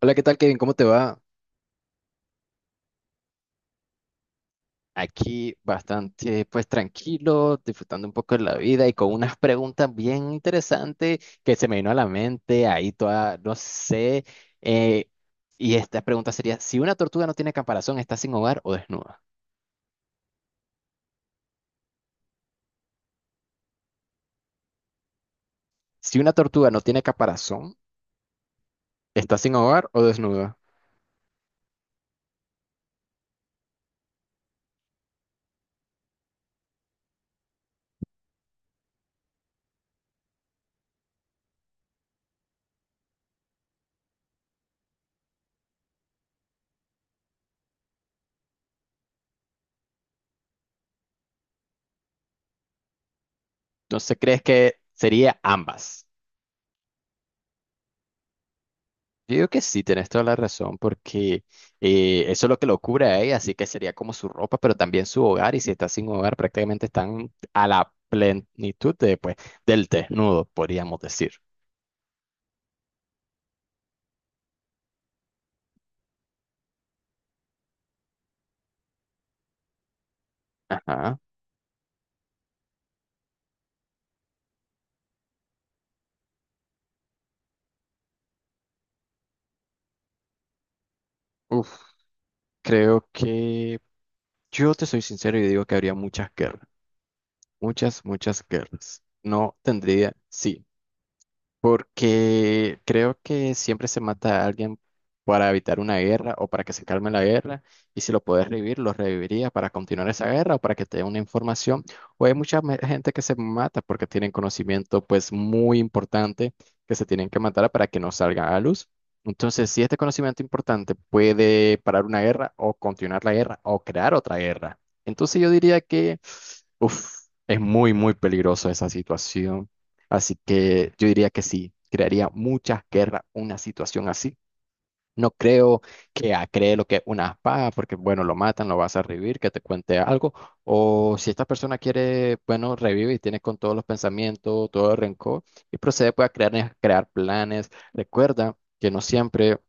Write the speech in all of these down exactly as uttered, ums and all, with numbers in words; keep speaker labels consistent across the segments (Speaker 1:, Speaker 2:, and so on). Speaker 1: Hola, ¿qué tal, Kevin? ¿Cómo te va? Aquí bastante, pues tranquilo, disfrutando un poco de la vida y con unas preguntas bien interesantes que se me vino a la mente, ahí toda, no sé. eh, y esta pregunta sería, si una tortuga no tiene caparazón, ¿está sin hogar o desnuda? Si una tortuga no tiene caparazón, ¿está sin hogar o desnuda? Entonces, ¿crees que sería ambas? Yo digo que sí, tenés toda la razón, porque eh, eso es lo que lo cubre a ella, así que sería como su ropa, pero también su hogar, y si está sin hogar, prácticamente están a la plenitud de, pues, del desnudo, podríamos decir. Ajá. Uf, creo que yo te soy sincero y digo que habría muchas guerras, muchas, muchas guerras. No tendría, sí. Porque creo que siempre se mata a alguien para evitar una guerra o para que se calme la guerra, y si lo puedes revivir, lo reviviría para continuar esa guerra o para que te dé una información. O hay mucha me- gente que se mata porque tienen conocimiento pues muy importante que se tienen que matar para que no salga a luz. Entonces, si este conocimiento importante puede parar una guerra o continuar la guerra o crear otra guerra, entonces yo diría que uf, es muy, muy peligroso esa situación. Así que yo diría que sí, crearía muchas guerras una situación así. No creo que ah, cree lo que es una espada, porque bueno, lo matan, lo vas a revivir, que te cuente algo. O si esta persona quiere, bueno, revive y tiene con todos los pensamientos, todo el rencor, y procede pues, a crear, eh, crear planes. Recuerda que no siempre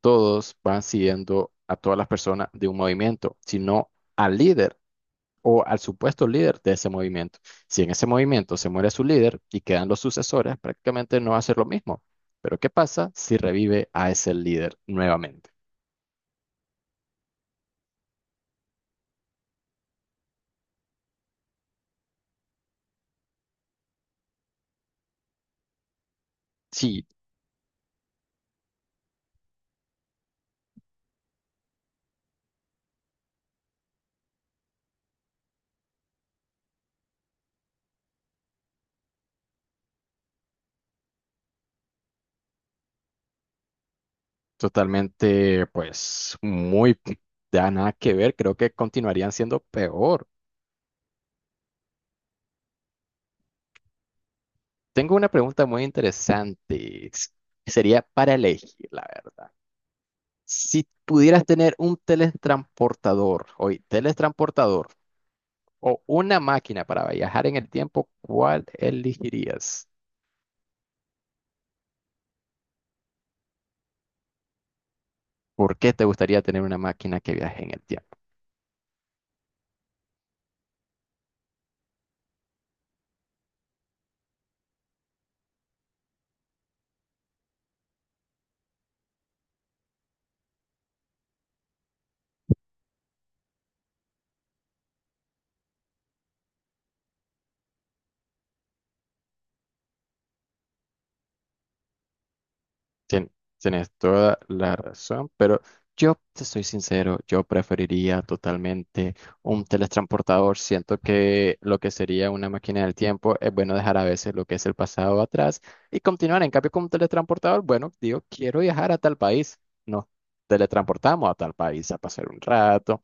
Speaker 1: todos van siguiendo a todas las personas de un movimiento, sino al líder o al supuesto líder de ese movimiento. Si en ese movimiento se muere su líder y quedan los sucesores, prácticamente no va a ser lo mismo. Pero ¿qué pasa si revive a ese líder nuevamente? Sí, totalmente, pues muy, ya nada que ver, creo que continuarían siendo peor. Tengo una pregunta muy interesante, que sería para elegir, la verdad. Si pudieras tener un teletransportador, hoy, teletransportador, o una máquina para viajar en el tiempo, ¿cuál elegirías? ¿Por qué te gustaría tener una máquina que viaje en el tiempo? Tien- Tienes toda la razón, pero yo te soy sincero, yo preferiría totalmente un teletransportador. Siento que lo que sería una máquina del tiempo es bueno dejar a veces lo que es el pasado atrás y continuar. En cambio, con un teletransportador, bueno, digo, quiero viajar a tal país. No teletransportamos a tal país a pasar un rato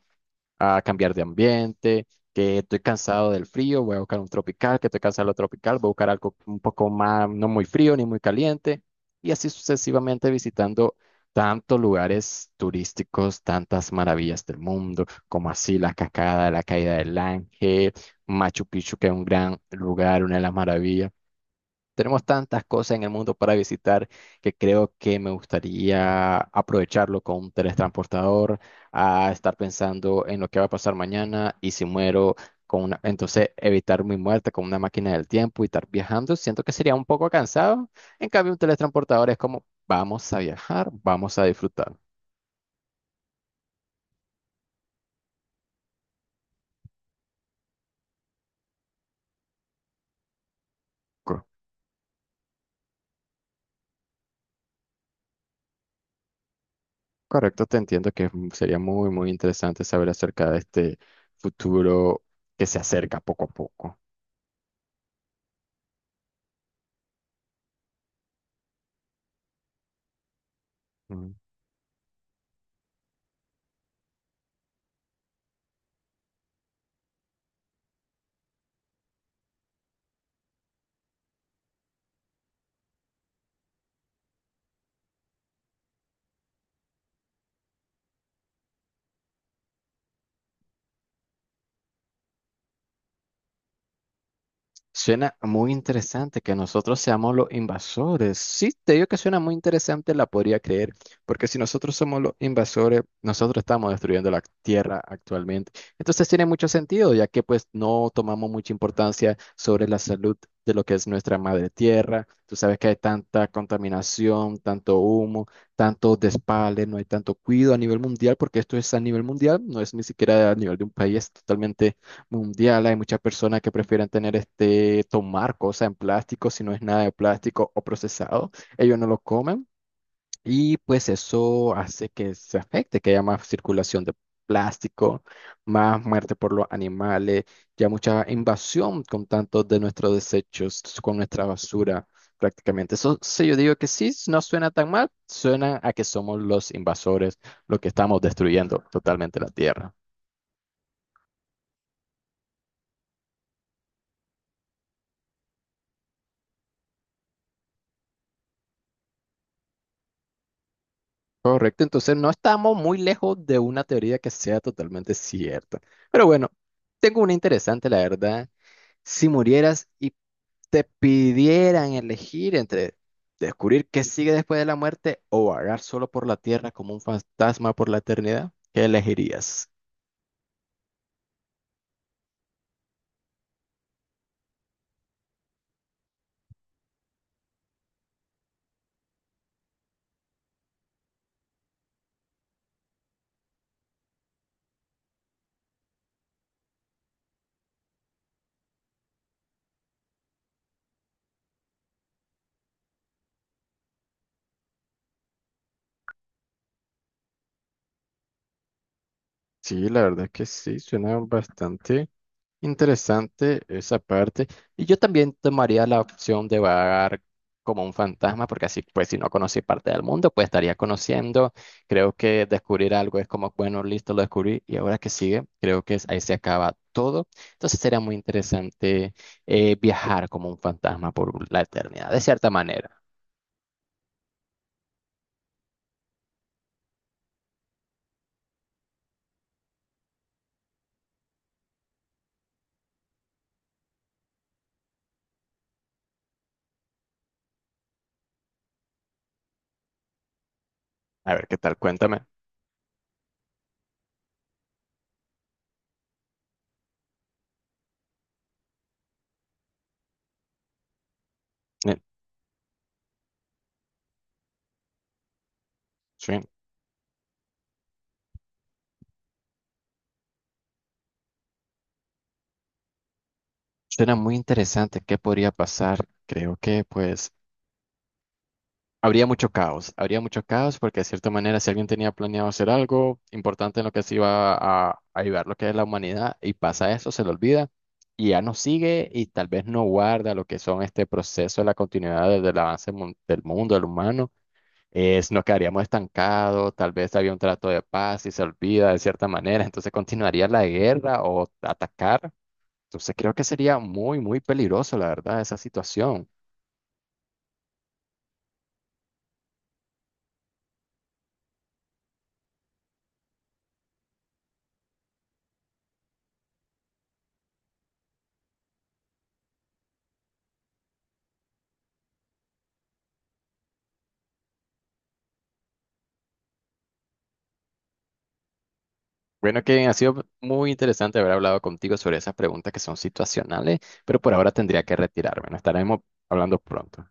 Speaker 1: a cambiar de ambiente, que estoy cansado del frío, voy a buscar un tropical, que estoy cansado de lo tropical, voy a buscar algo un poco más, no muy frío ni muy caliente, y así sucesivamente visitando tantos lugares turísticos, tantas maravillas del mundo, como así la cascada, la caída del Ángel, Machu Picchu, que es un gran lugar, una de las maravillas. Tenemos tantas cosas en el mundo para visitar que creo que me gustaría aprovecharlo con un teletransportador, a estar pensando en lo que va a pasar mañana y si muero con una, entonces evitar mi muerte con una máquina del tiempo y estar viajando. Siento que sería un poco cansado. En cambio, un teletransportador es como vamos a viajar, vamos a disfrutar. Co- Correcto, te entiendo que sería muy, muy interesante saber acerca de este futuro que se acerca poco a poco. Mm. Suena muy interesante que nosotros seamos los invasores. Sí, te digo que suena muy interesante, la podría creer, porque si nosotros somos los invasores, nosotros estamos destruyendo la tierra actualmente. Entonces tiene mucho sentido, ya que pues no tomamos mucha importancia sobre la salud de lo que es nuestra madre tierra. Tú sabes que hay tanta contaminación, tanto humo, tanto despale, no hay tanto cuidado a nivel mundial, porque esto es a nivel mundial, no es ni siquiera a nivel de un país, totalmente mundial. Hay muchas personas que prefieren tener este, tomar cosas en plástico, si no es nada de plástico o procesado, ellos no lo comen y pues eso hace que se afecte, que haya más circulación de plástico, más muerte por los animales, ya mucha invasión con tantos de nuestros desechos, con nuestra basura. Prácticamente. Eso sí, yo digo que sí, no suena tan mal, suena a que somos los invasores, los que estamos destruyendo totalmente la tierra. Correcto, entonces no estamos muy lejos de una teoría que sea totalmente cierta. Pero bueno, tengo una interesante, la verdad. Si murieras y te pidieran elegir entre descubrir qué sigue después de la muerte o vagar solo por la tierra como un fantasma por la eternidad, ¿qué elegirías? Sí, la verdad que sí, suena bastante. Interesante esa parte. Y yo también tomaría la opción de vagar como un fantasma, porque así, pues, si no conocí parte del mundo, pues estaría conociendo. Creo que descubrir algo es como, bueno, listo, lo descubrí, y ahora que sigue, creo que es- ahí se acaba todo. Entonces sería muy interesante eh, viajar como un fantasma por la eternidad, de cierta manera. A ver, ¿qué tal? Cuéntame. Eh, sí, suena muy interesante. ¿Qué podría pasar? Creo que, pues. Habría mucho caos, habría mucho caos porque de cierta manera si alguien tenía planeado hacer algo importante en lo que se iba a, a ayudar lo que es la humanidad y pasa eso, se le olvida y ya no sigue y tal vez no guarda lo que son este proceso de la continuidad de- del avance mun- del mundo, del humano, es, nos quedaríamos estancados, tal vez había un trato de paz y se olvida de cierta manera, entonces continuaría la guerra o atacar. Entonces creo que sería muy, muy peligroso, la verdad, esa situación. Bueno, Kevin, ha sido muy interesante haber hablado contigo sobre esas preguntas que son situacionales, pero por ahora tendría que retirarme. Nos estaremos hablando pronto.